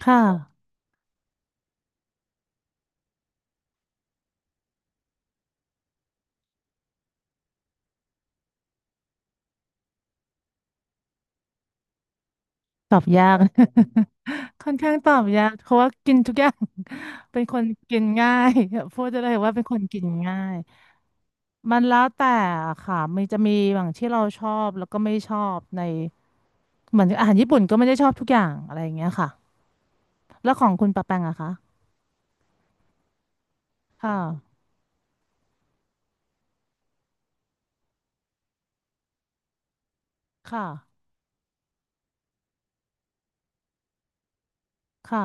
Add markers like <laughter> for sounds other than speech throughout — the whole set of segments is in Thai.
ค่ะตอบยาก <laughs> ค่อนข้างตอบยากเพราะว่ากินทุกอย่าง <laughs> เป็นคนกินง่าย <laughs> พูดได้เลยว่าเป็นคนกินง่ายมันแล้วแต่ค่ะมันจะมีบางที่เราชอบแล้วก็ไม่ชอบในเหมือนอาหารญี่ปุ่นก็ไม่ได้ชอบทุกอย่างอะไรอย่างเงี้ยค่ะแล้วของคุณปะแปงอะคะค่ะค่ะค่ะ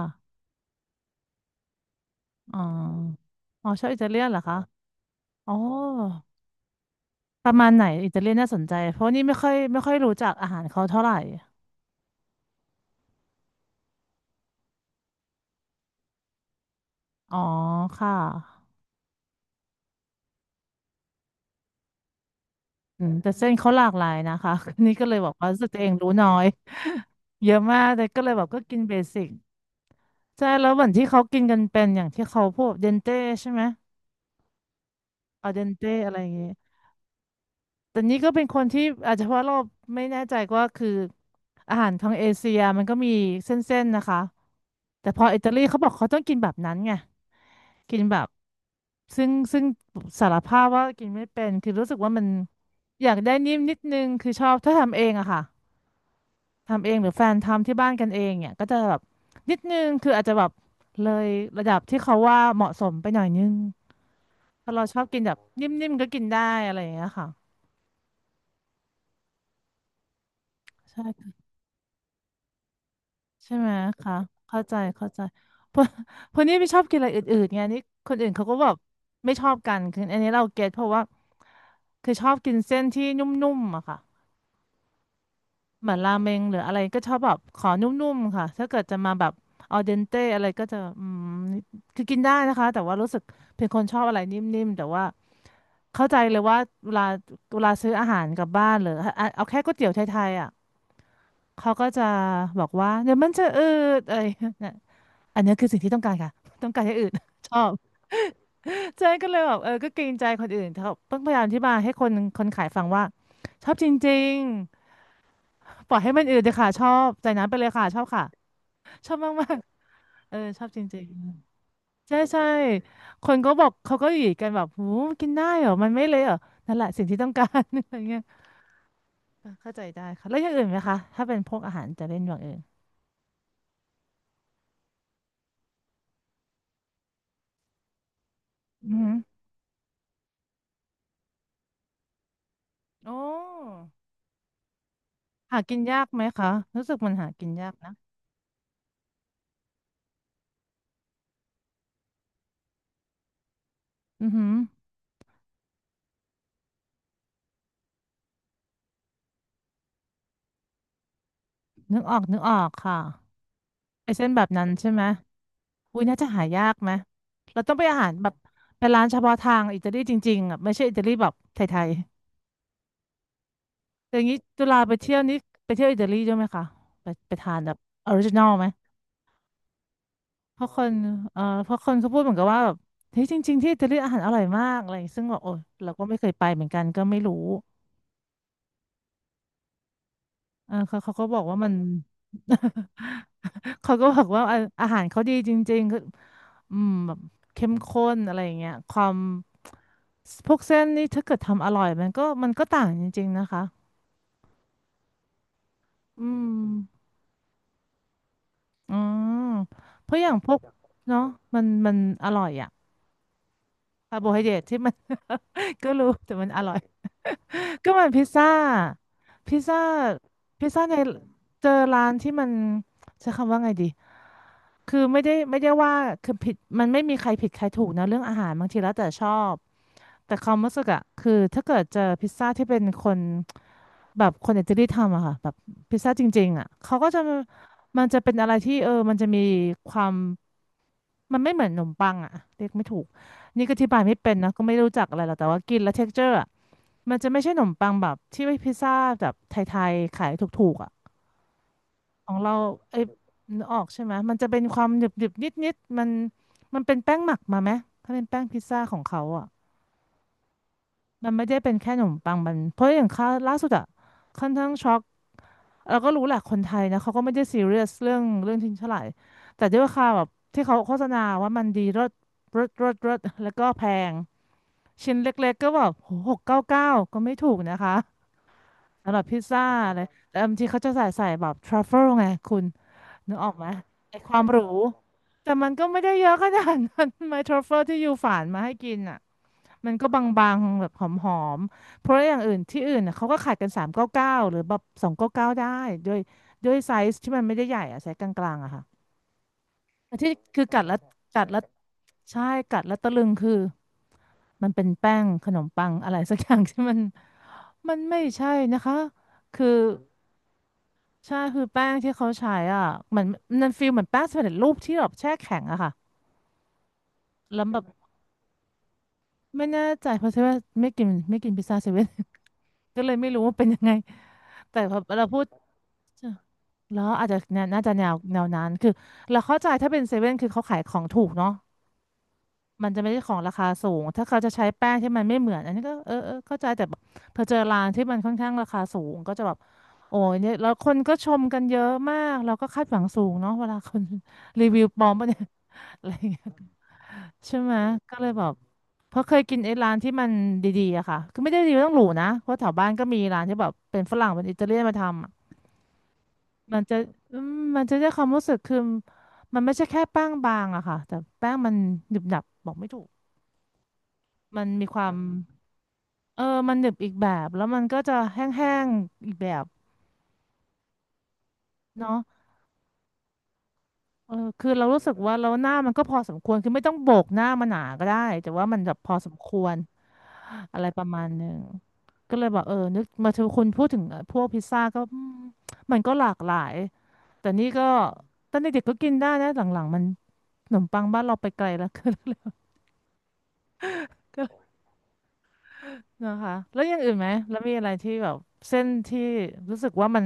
อ๋ออ๋อชอบอิตาเลียนเหรอคะอ๋อประมาณไหนอิตาเลียนน่าสนใจเพราะนี่ไม่ค่อยรู้จักอาหารเขาเท่าไหร่อ๋อค่ะ อืมแต่เส้นเขาหลากหลายนะคะ <laughs> นี่ก็เลยบอกว่ารู้สึกตัวเองรู้น้อย <laughs> เยอะมากแต่ก็เลยแบบก็กินเบสิกใช่แล้วเหมือนที่เขากินกันเป็นอย่างที่เขาพวกเดนเต้ใช่ไหมอาเดนเต้อะไรอย่างงี้แต่นี่ก็เป็นคนที่อาจจะเพราะเราไม่แน่ใจว่าคืออาหารทางเอเชียมันก็มีเส้นๆนะคะแต่พออิตาลีเขาบอกเขาต้องกินแบบนั้นไงกินแบบซึ่งสารภาพว่ากินไม่เป็นคือรู้สึกว่ามันอยากได้นิ่มนิดนึงคือชอบถ้าทำเองอะค่ะ ทำเองหรือแฟนทำที่บ้านกันเองเนี่ยก็จะแบบนิดนึงคืออาจจะแบบเลยระดับที่เขาว่าเหมาะสมไปหน่อยนึงเพราะเราชอบกินแบบนิ่มๆก็กินได้อะไรอย่างเงี้ยค่ะใช่ค่ะใช่ไหมคะเข้าใจเข้าใจเพราะนี่ไม่ชอบกินอะไรอื่นๆไงนี่คนอื่นเขาก็แบบไม่ชอบกันคืออันนี้เราเก็ตเพราะว่าคือชอบกินเส้นที่นุ่มๆอะค่ะ เหมือนราเมงหรืออะไรก็ชอบแบบขอนุ่มๆค่ะถ้าเกิดจะมาแบบออเดนเตอะไรก็จะอืมคือกินได้นะคะแต่ว่ารู้สึกเป็นคนชอบอะไรนิ่มๆแต่ว่าเข้าใจเลยว่าเวลาเวลาซื้ออาหารกลับบ้านหรือเอาแค่ก๋วยเตี๋ยวไทยๆอ่ะเขาก็จะบอกว่าเดี๋ยวมันจะอืดอะไรเนี่ยอันนี้คือสิ่งที่ต้องการค่ะ <laughs> ต้องการให้อืด <laughs> ชอบใจ๊ก็เลยแบบเออก็เกรงใจคนอื่นเขาต้องพยายามอธิบายให้คนคนขายฟังว่าชอบจริงๆปล่อยให้มันอืดเลยค่ะชอบใจน้ำไปเลยค่ะชอบค่ะ ชอบมากๆเออชอบจริงๆ ใช่ใช่คนก็บอกเขาก็อยู่กันแบบหูกินได้เหรอมันไม่เละเหรอนั่นแหละสิ่งที่ต้องการ <laughs> อะไรเงี้ยเออเข้าใจได้ค่ะแล้วอย่างอื่นไหมคะ ถ้าเป็นพวกอาหารจะเล่นอย่างอื่นอือหือโอ้ หากินยากไหมคะรู้สึกมันหากินยากนะอือหือนึกออกนึกออกค่ะไอเส้นแบบนั้นใช่ไหมอุ้ยน่าจะหายากไหมเราต้องไปอาหารแบบไปร้านเฉพาะทางอิตาลีจริงๆอ่ะไม่ใช่อิตาลีแบบไทย อย่างนี้จุฬาไปเที่ยวนี่ไปเที่ยวอิตาลีด้วยไหมคะไปไปทานแบบออริจินอลไหมเพราะคนเพราะคนเขาพูดเหมือนกับว่าแบบเฮ้ยจริงๆที่อิตาลีอาหารอร่อยมากอะไรอย่างงี้ซึ่งแบบโอ้ยเราก็ไม่เคยไปเหมือนกันก็ไม่รู้เออเขาก็บอกว่ามัน <laughs> เขาก็บอกว่าอาหารเขาดีจริงๆคืออืมแบบเข้มข้นอะไรอย่างเงี้ยความพวกเส้นนี่ถ้าเกิดทำอร่อยมันก็ต่างจริงๆนะคะอืม อืมเพราะอย่างพวกเนาะมันอร่อยอะคาร์โบไฮเดรตที่มัน <laughs> ก็รู้แต่มันอร่อยก็มันพิซซ่าพิซซ่าพิซซ่าในเจอร้านที่มันใช้คำว่าไงดีคือไม่ได้ว่าคือผิดมันไม่มีใครผิดใครถูกนะเรื่องอาหารบางทีแล้วแต่ชอบแต่ความรู้สึกอะคือถ้าเกิดเจอพิซซ่าที่เป็นคนแบบคนอิตาลีทำอะค่ะแบบพิซซ่าจริงๆอะเขาก็จะมันจะเป็นอะไรที่เออมันจะมีความ มันไม่เหมือนขนมปังอ่ะเรียกไม่ถูกนี่ก็อธิบายไม่เป็นนะก็ไม่รู้จักอะไรหรอกแต่ว่ากินแล้วเท็กเจอร์อะมันจะไม่ใช่ขนมปังแบบที่ไว้พิซซ่าแบบไทยๆขายถูกๆอ่ะของเราไอ้ยนึกออกใช่ไหมมันจะเป็นความหนึบๆนิดๆมันมันเป็นแป้งหมักมาไหมถ้าเป็นแป้งพิซซ่าของเขาอ่ะ มันไม่ได้เป็นแค่ขนมปังมันเพราะอย่างค่าล่าสุดอะค่อนข้างช็อกเราก็รู้แหละคนไทยนะเขาก็ไม่ได้ซีเรียสเรื่องทิ้งเท่าไหร่แต่ด้วยราคาแบบที่เขาโฆษณาว่ามันดีรสแล้วก็แพงชิ้นเล็กๆก็แบบ699ก็ไม่ถูกนะคะสำหรับพิซซ่าอะไรแต่บางทีเขาจะใส่แบบทรัฟเฟิลไงคุณนึกออกไหมไอความหรูแต่มันก็ไม่ได้เยอะขนาดนั้น <laughs> ไมทรัฟเฟิลที่อยู่ฝานมาให้กินอะ มันก็บางๆแบบหอมๆ เพราะอย่างอื่นที่อื่นน่ะเขาก็ขายกัน399หรือแบบ299ได้ด้วยด้วยไซส์ที่มันไม่ได้ใหญ่อะไซส์กลางๆอะค่ะแต่ที่คือกัดแล้วใช่กัดแล้วตะลึงคือมันเป็นแป้งขนมปังอะไรสักอย่างที่มันมันไม่ใช่นะคะคือใช่คือแป้งที่เขาใช้อ่ะเหมันมันฟีลเหมือนแป้งสำเร็จรูปที่แบบแช่แข็งอะค่ะแล้วแบบไม่แน่ใจเพราะว่าไม่กินไม่กินพิซซ่าเซเว่น ก็เลยไม่รู้ว่าเป็นยังไงแต่พอเราพูดแล้วอาจจะเนี่ยน่าจะแนวนั้นคือเราเข้าใจถ้าเป็นเซเว่นคือเขาขายของถูกเนาะมันจะไม่ได้ของราคาสูงถ้าเขาจะใช้แป้งที่มันไม่เหมือนอันนี้ก็เออเออเข้าใจแต่แบบพอเจอร้านที่มันค่อนข้างราคาสูงก็จะแบบโอ้ยเนี่ยแล้วคนก็ชมกันเยอะมากเราก็คาดหวังสูงเนาะเวลาคน <laughs> รีวิวปลอมปะเนี่ยอะไรอย่างเงี้ย ใช่ไหมก็เลยแบบเพราะเคยกินไอ้ร้านที่มันดีๆอะค่ะคือไม่ได้ดีต้องหรูนะเพราะแถวบ้านก็มีร้านที่แบบเป็นฝรั่งเป็นอิตาเลียนมาทำอะมันจะอืมมันจะได้ความรู้สึกคือมันไม่ใช่แค่แป้งบางอะค่ะแต่แป้งมันหนึบหนับบอกไม่ถูกมันมีความเออมันหนึบอีกแบบแล้วมันก็จะแห้งๆอีกแบบเนาะเออคือเรารู้สึกว่าเราหน้ามันก็พอสมควรคือไม่ต้องโบกหน้ามันหนาก็ได้แต่ว่ามันแบบพอสมควร อะไรประมาณหนึ่งก็เลยบอกเออนึกมาเจอคนพูดถึงพวกพิซซ่าก็อืมมันก็หลากหลายแต่นี่ก็ตอนเด็กๆก็กินได้นะหลังๆมันขนมปังบ้านเราไปไกลแล้ว <laughs> ก็เลยก็นะคะแล้วอย่างอื่นไหมแล้วมีอะไรที่แบบเส้นที่รู้สึกว่ามัน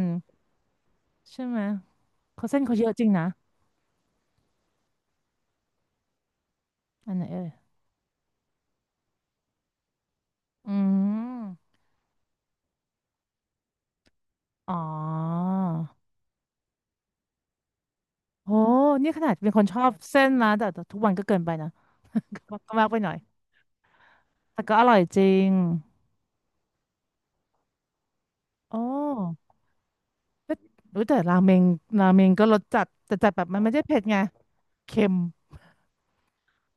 ใช่ไหมเขาเส้นเขาเยอะจริงนะอันไหนเอ่ยอืมอ๋อโอ้นี่ขนาดเป็นคนชอบเส้นนะแต่แต่ทุกวันก็เกินไปนะ <laughs> ก็มากไปหน่อยแต่ก็อร่อยจริงโอ้ รู้แต่ราเมงราเมงก็รสจัดแต่จัดแบบมันไม่ได้เผ็ดไงเค็ม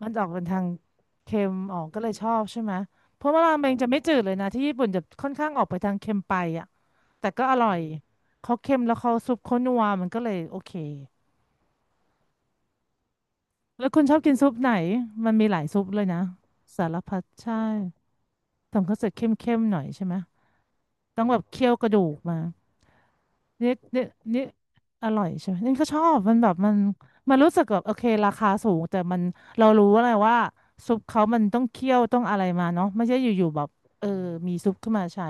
มันจะออกเป็นทางเค็มออกก็เลยชอบใช่ไหมเพราะว่าราเมงจะไม่จืดเลยนะที่ญี่ปุ่นจะค่อนข้างออกไปทางเค็มไปอ่ะแต่ก็อร่อยเขาเค็มแล้วเขาซุปเขานัวมันก็เลยโอเคแล้วคุณชอบกินซุปไหนมันมีหลายซุปเลยนะสารพัดใช่ทำข้าวเสร็จเข้มๆหน่อยใช่ไหมต้องแบบเคี่ยวกระดูกมา นี่นี่นี่อร่อยใช่ไหมนี่ก็ชอบมันแบบมันมันรู้สึกแบบโอเคราคาสูงแต่มันเรารู้อะไรว่าซุปเขามันต้องเคี่ยวต้องอะไรมาเนาะไม่ใช่อยู่ๆแบบเออมีซุปขึ้นมาใช้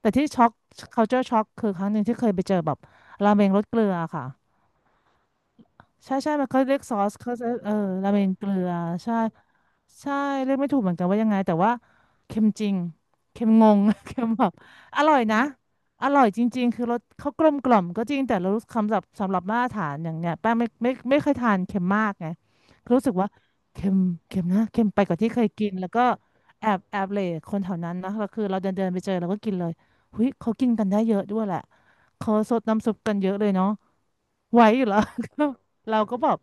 แต่ที่ช็อก culture shock คือครั้งหนึ่งที่เคยไปเจอแบบราเมงรสเกลือค่ะ ใช่ใช่มันเขาเรียกซอสเขาจะเออราเมงเกลือใช่ใช่เรียกไม่ถูกเหมือนกันว่ายังไงแต่ว่าเค็มจริงเค็มงง <laughs> เค็มแบบอร่อยนะอร่อยจริงๆคือรสเขากลมกล่อมก็จริงแต่เรารู้สึกคำศัพท์สำหรับมาตรฐานอย่างเนี้ยแป้งไม่ไม่ไม่เคยทานเค็มมากไงรู้สึกว่าเค็มเค็มนะเค็มไปกว่าที่เคยกินแล้วก็แอบแอบเหลคนแถวนั้นนะเราคือเราเดินเดินไปเจอเราก็กินเลยหุยเขากินกันได้เยอะด้วยแหละเขาซดน้ำซุปกันเยอะเลยเนาะไหวอยู่เหรอ <laughs> เราก็แบบ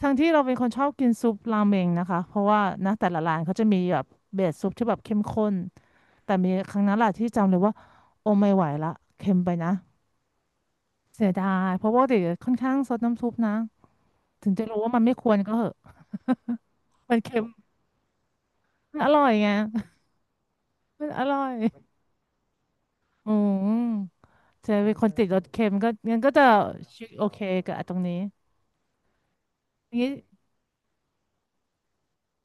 ทั้งที่เราเป็นคนชอบกินซุปราเมงนะคะ เพราะว่านะแต่ละร้านเขาจะมีแบบเบสซุปที่แบบเข้มข้น แต่มีครั้งนั้นแหละที่จำเลยว่าโอ้ไม่ไหวละเค็มไปนะเสียดายเพราะว่าเด็กค่อนข้างซดน้ำซุปนะถึงจะรู้ว่ามันไม่ควรก็เหอะมันเค็มมันอร่อยไง <laughs> มันอร่อยอืมจะเป็นคนติดรสเค็มก็งั้นก็จะโอเคกับตรงนี้อย่างนี้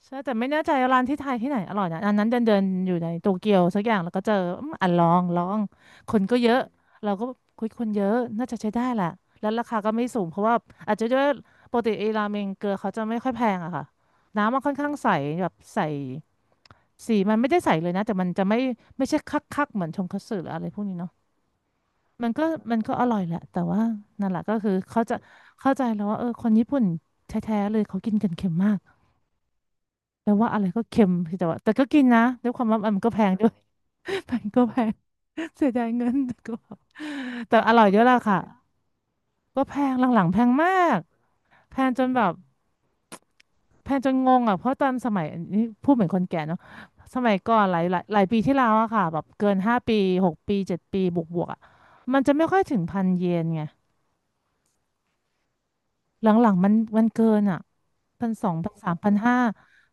ใช่แต่ไม่แน่ใจร้านที่ไทยที่ไหนอร่อยนะอันนั้นเดินเดินอยู่ในโตเกียวสักอย่างแล้วก็เจออืมอ่ะลองคนก็เยอะเราก็คุยคนเยอะน่าจะใช้ได้แหละแล้วราคาก็ไม่สูงเพราะว่าอาจจะด้วยปกติไอ้ราเมงเกลือเขาจะไม่ค่อยแพงอะค่ะน้ำมันค่อนข้างใสแบบใสสีมันไม่ได้ใสเลยนะแต่มันจะไม่ไม่ใช่คักคักเหมือนชงคัตสึหรืออะไรพวกนี้เนาะมันก็มันก็อร่อยแหละแต่ว่านั่นแหละก็คือเขาจะเข้าใจแล้วว่าเออคนญี่ปุ่นแท้ๆเลยเขากินกันเค็มมาก แล้วว่าอะไรก็เค็มแต่ว่าแต่ก็กินนะด้วยความว่ามันก็แพงด้วย <laughs> แพงก็แพง <laughs> เสียดายเงินแต่ก็แบบแต่อร่อยเยอะละค่ะก็แพงหลังๆแพงมากแพงจนแบบแพงจนงงอ่ะเพราะตอนสมัยอันนี้พูดเหมือนคนแก่เนาะสมัยก่อนหลายปีที่แล้วอะค่ะแบบเกินห้าปีหกปีเจ็ดปีบวกๆอะมันจะไม่ค่อยถึงพันเยนไง หลังๆมันเกินอ่ะพันสองพันสามพันห้า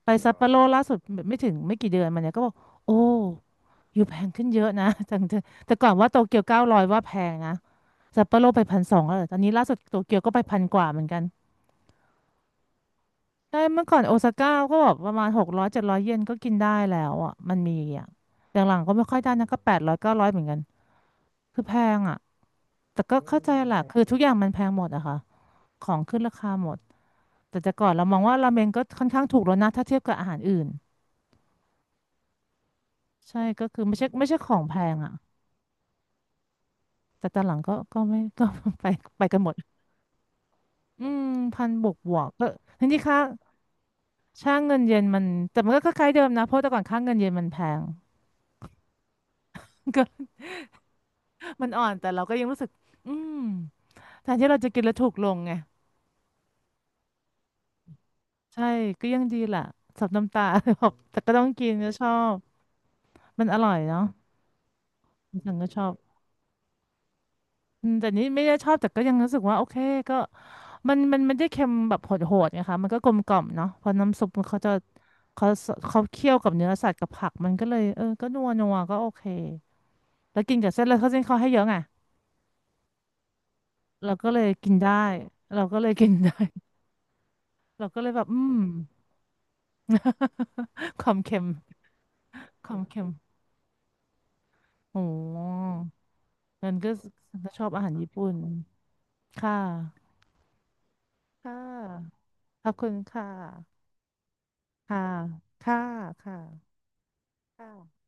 ไปซัปโปโรล่าสุดไม่กี่เดือนมาเนี่ยก็บอกโอ้อยู่แพงขึ้นเยอะนะ <laughs> จังแต่แต่ก่อนว่าโตเกียวเก้าร้อยว่าแพงนะซัปโปโรไปพันสองแล้วเหรอตอนนี้ล่าสุดโตเกียวก็ไปพันกว่าเหมือนกันใช่เมื่อก่อนโอซาก้าก็แบบประมาณหกร้อยเจ็ดร้อยเยนก็กินได้แล้วอ่ะมันมีอ่ะหลังๆก็ไม่ค่อยได้นะก็แปดร้อยเก้าร้อยเหมือนกันคือแพงอ่ะแต่ก็เข้าใจแหละคือทุกอย่างมันแพงหมดอะค่ะของขึ้นราคาหมด แต่แต่ก่อนเรามองว่าราเมงก็ค่อนข้างถูกแล้วนะถ้าเทียบกับอาหารอื่นใช่ก็คือไม่ใช่ของแพงอ่ะแต่ตอนหลังก็ก็ไม่ก็ <laughs> ไปไปกันหมดอืมพันบวกบวกก็ทีนี้ค่าช่างเงินเยนมันแต่มันก็คล้ายๆเดิมนะเพราะแต่ก่อนค่าเงินเยนมันแพง <laughs> ก็มันอ่อนแต่เราก็ยังรู้สึกอืมแทนที่เราจะกินแล้วถูกลงไงใช่ก็ยังดีแหละสับน้ำตา <laughs> แบบ <laughs> แต่ก็ต้องกินก็ชอบมันอร่อยเนาะฉันก็ชอบ อืมแต่นี่ไม่ได้ชอบแต่ก็ยังรู้สึกว่าโอเคก็มันไม่ได้เค็มแบบโหดๆไงคะมันก็กลมกล่อมเนาะเพราะน้ำซุปมันเขาจะเขาเขาเคี่ยวกับเนื้อสัตว์กับผักมันก็เลยเออก็นัวนัวก็โอเคแล้วกินกับเส้นเลยเขาเส้นเขาให้เยอะไงเราก็เลยกินได้เราก็เลยกินได้ <laughs> เราก็เลยแบบอืม <laughs> ความเค็มความเค็มโอ้งั้นก็ก็ชอบอาหารญี่ปุ่นค่ะค่ะขอบคุณค่ะค่ะค่ะค่ะค่ะ